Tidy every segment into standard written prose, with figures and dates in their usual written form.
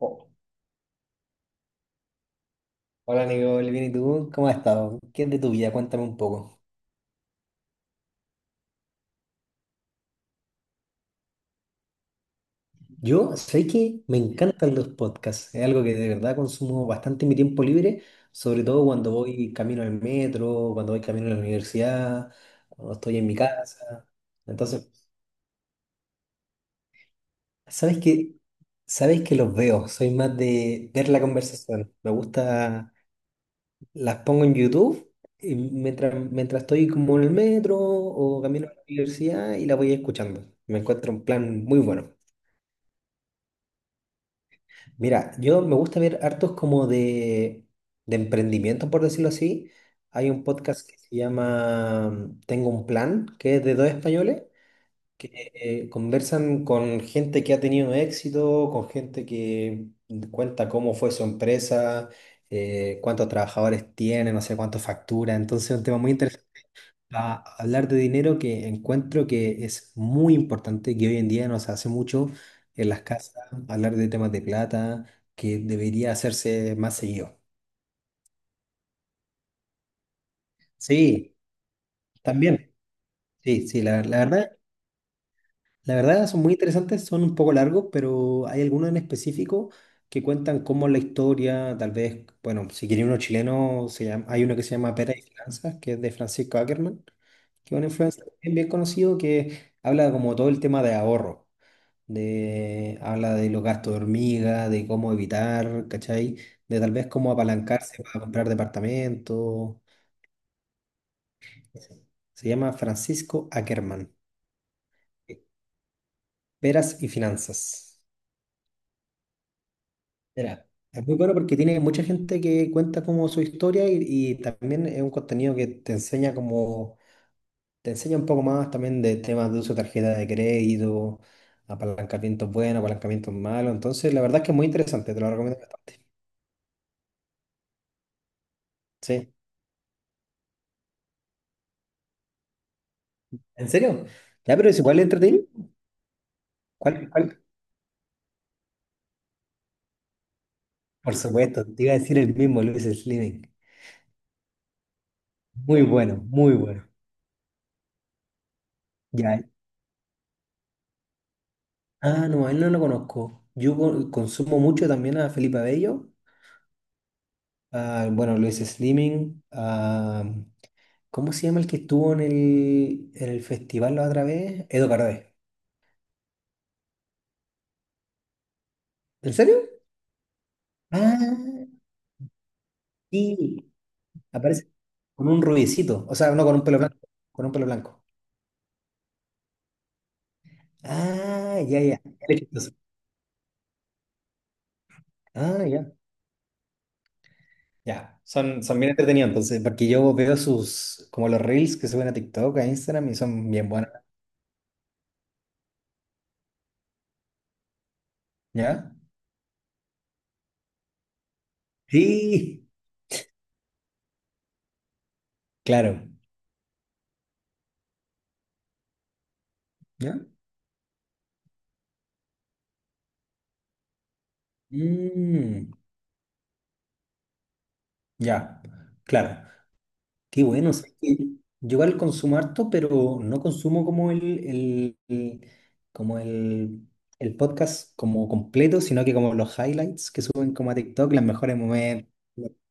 Oh, hola Nicole, bien, ¿y tú? ¿Cómo has estado? ¿Qué es de tu vida? Cuéntame un poco. Yo sé que me encantan los podcasts, es algo que de verdad consumo bastante en mi tiempo libre, sobre todo cuando voy camino al metro, cuando voy camino a la universidad, cuando estoy en mi casa. Entonces, ¿sabes qué? ¿Sabes que los veo? Soy más de ver la conversación. Me gusta, las pongo en YouTube y mientras estoy como en el metro o camino a la universidad y la voy escuchando. Me encuentro un plan muy bueno. Mira, yo me gusta ver hartos como de emprendimiento, por decirlo así. Hay un podcast que se llama Tengo un Plan, que es de dos españoles, que conversan con gente que ha tenido éxito, con gente que cuenta cómo fue su empresa, cuántos trabajadores tiene, no sé cuánto factura. Entonces es un tema muy interesante a hablar de dinero que encuentro que es muy importante, que hoy en día no se hace mucho en las casas, hablar de temas de plata, que debería hacerse más seguido. Sí, también. Sí, sí, la verdad son muy interesantes, son un poco largos, pero hay algunos en específico que cuentan cómo la historia, tal vez, bueno, si quiere uno chileno, hay uno que se llama Pera y Finanzas, que es de Francisco Ackerman, que es un influencer bien conocido que habla como todo el tema de ahorro. De, habla de los gastos de hormiga, de cómo evitar, ¿cachai? De tal vez cómo apalancarse para comprar departamentos. Se llama Francisco Ackerman, Peras y Finanzas. Mira, es muy bueno porque tiene mucha gente que cuenta como su historia y también es un contenido que te enseña como, te enseña un poco más también de temas de uso de tarjeta de crédito, apalancamientos buenos, apalancamientos malos. Entonces, la verdad es que es muy interesante, te lo recomiendo bastante. Sí. ¿En serio? Ya, pero es igual de entretenido. ¿Cuál? Por supuesto, te iba a decir el mismo, Luis Slimming. Muy bueno, muy bueno. Ya. Ah, no, a él no lo conozco. Yo consumo mucho también a Felipe Abello, a, bueno, Luis Slimming, a, ¿cómo se llama el que estuvo en el festival la otra vez? Edo Caroe. ¿En serio? Ah, sí. Aparece con un rubiecito, o sea, no con un pelo blanco, con un pelo blanco. Ah, ya, ya. Él es chistoso. Ah, ya. Ya, son, son bien entretenidos, entonces, porque yo veo sus, como los reels que suben a TikTok, a Instagram, y son bien buenos, ¿ya? Sí, claro, ¿ya? Mm, ya, claro. Qué bueno, sé que yo igual consumo harto, pero no consumo como el- el- como el, el podcast como completo, sino que como los highlights que suben como a TikTok, los mejores momentos.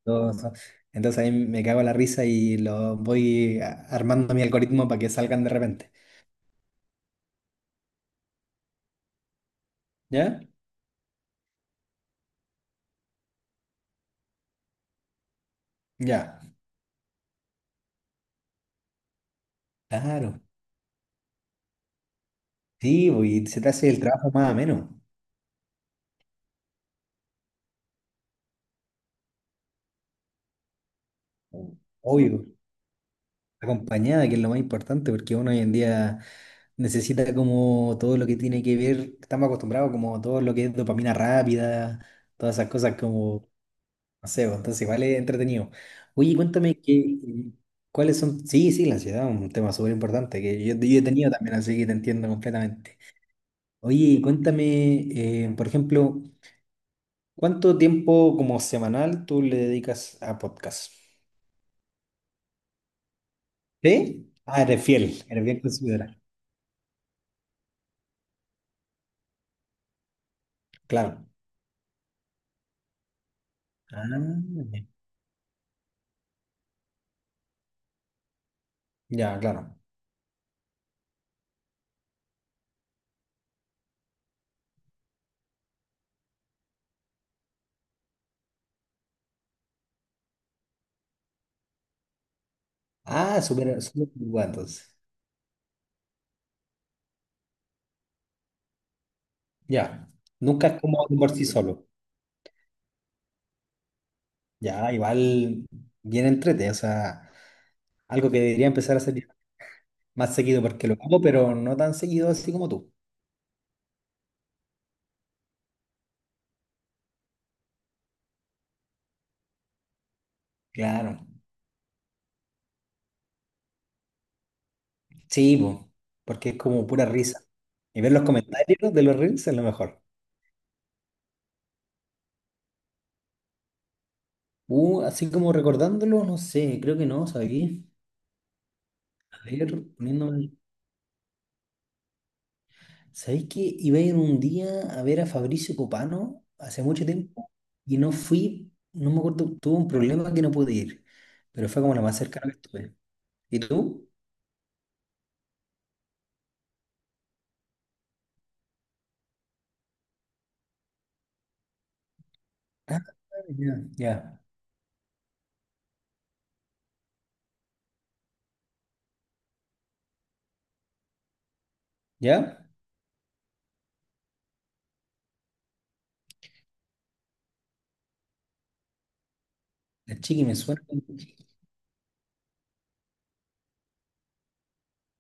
Todo eso. Entonces ahí me cago en la risa y lo armando mi algoritmo para que salgan de repente. ¿Ya? Ya. Claro. Sí, bo, y se te hace el trabajo más ameno. Obvio. Acompañada, que es lo más importante, porque uno hoy en día necesita como todo lo que tiene que ver, estamos acostumbrados como todo lo que es dopamina rápida, todas esas cosas como, no sé, bueno, entonces igual es entretenido. Oye, cuéntame que, cuáles son, sí, sí, la ansiedad, un tema súper importante que yo he tenido también, así que te entiendo completamente. Oye, cuéntame, por ejemplo, ¿cuánto tiempo como semanal tú le dedicas a podcast? ¿Sí? Ah, eres fiel, eres bien considerada, claro. Ah, ya, claro. Ah, súper, súper, bueno, entonces. Ya, nunca es cómodo por sí solo. Ya, igual bien entrete, o sea, algo que debería empezar a hacer más seguido porque lo hago, pero no tan seguido así como tú. Claro, sí, po, porque es como pura risa. Y ver los comentarios de los reels es lo mejor. Así como recordándolo, no sé, creo que no, sabéis. A ver, poniéndome. ¿Sabéis que iba a ir un día a ver a Fabricio Copano hace mucho tiempo y no fui, no me acuerdo, tuve un problema que no pude ir, pero fue como lo más cercano que estuve. ¿Y tú? Ah, ya, ya. ¿Ya? La Chiqui me suena.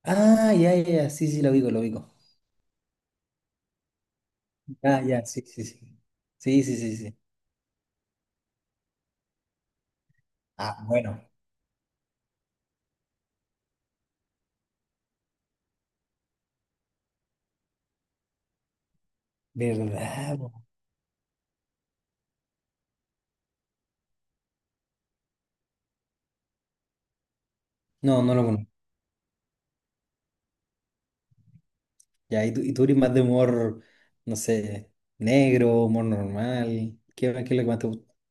Ah, ya, ya, ya, sí, sí, lo ubico, lo ubico. Ah, ya, sí, sí, sí. Sí, sí, sí, sí. Ah, bueno, ¿verdad? Po. No, no lo conozco. Ya, y tú eres más de humor, no sé, negro, humor normal. ¿Qué es lo que más te gusta?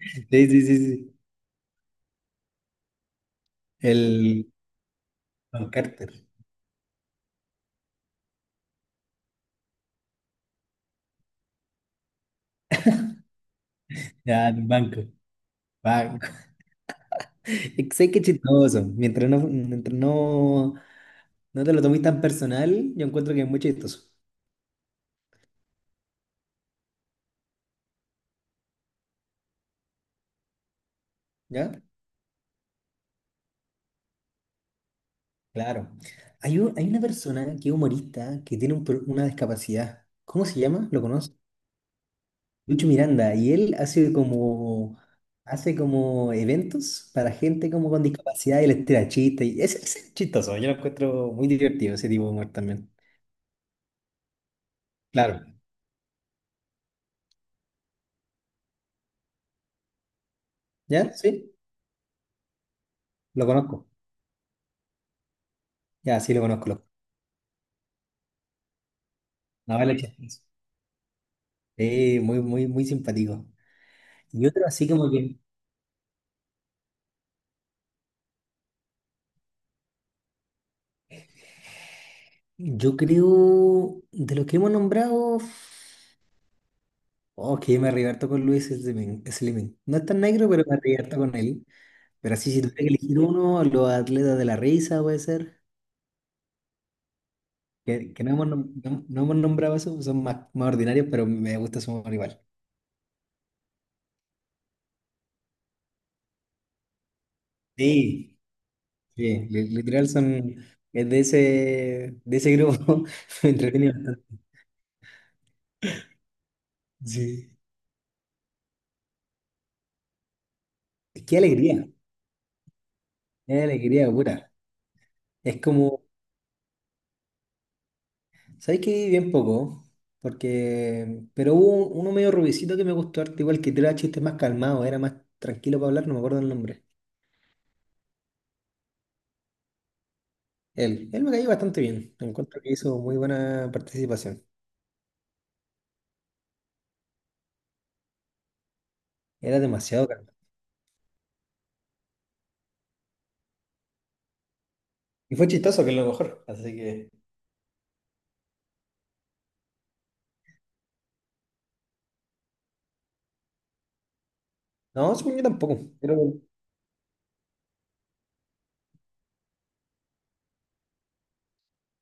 Sí, sí, sí, sí. El Don Carter. Ya, el banco. Banco. Sé que es chistoso. Mientras no, no te lo tomes tan personal, yo encuentro que es muy chistoso. ¿Ya? Claro. Hay, hay una persona que es humorista que tiene una discapacidad. ¿Cómo se llama? ¿Lo conoces? Lucho Miranda. Y él hace como eventos para gente como con discapacidad y les tira chistes. Y es chistoso. Yo lo encuentro muy divertido ese tipo de humor también. Claro. ¿Ya? ¿Sí? Lo conozco. Ya, sí lo conozco. Lo... No, vale, chistoso. Sí, muy, muy, muy simpático. Y otro así como que yo creo de los que hemos nombrado. Ok, me arrebato con Luis Slimen. Slimen. No es tan negro, pero me arrebato con él. Pero así, si tuviera que elegir uno, los Atletas de la Risa puede ser. Que no hemos, no hemos nombrado eso, son más, más ordinarios, pero me gusta su humor igual. Sí. Sí, literal son es de de ese grupo. Me entretiene bastante. Sí. Qué alegría, qué alegría pura. Es como ¿sabes qué? Bien poco, porque... pero hubo uno medio rubicito que me gustó harto, igual que era chiste más calmado, era más tranquilo para hablar, no me acuerdo el nombre. Él me cayó bastante bien, encuentro que hizo muy buena participación, era demasiado calmado. Y fue chistoso, que es lo mejor. Así que. No, según yo tampoco, pero que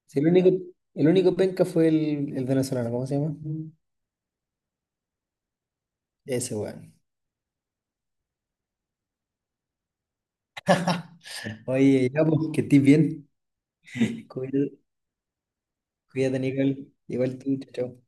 sí, el único penca fue el venezolano, ¿cómo se llama? Ese weón. Oye, ya, pues, que estés bien. Cuídate, cuídate, Nicole. Igual tú, chao. Chao.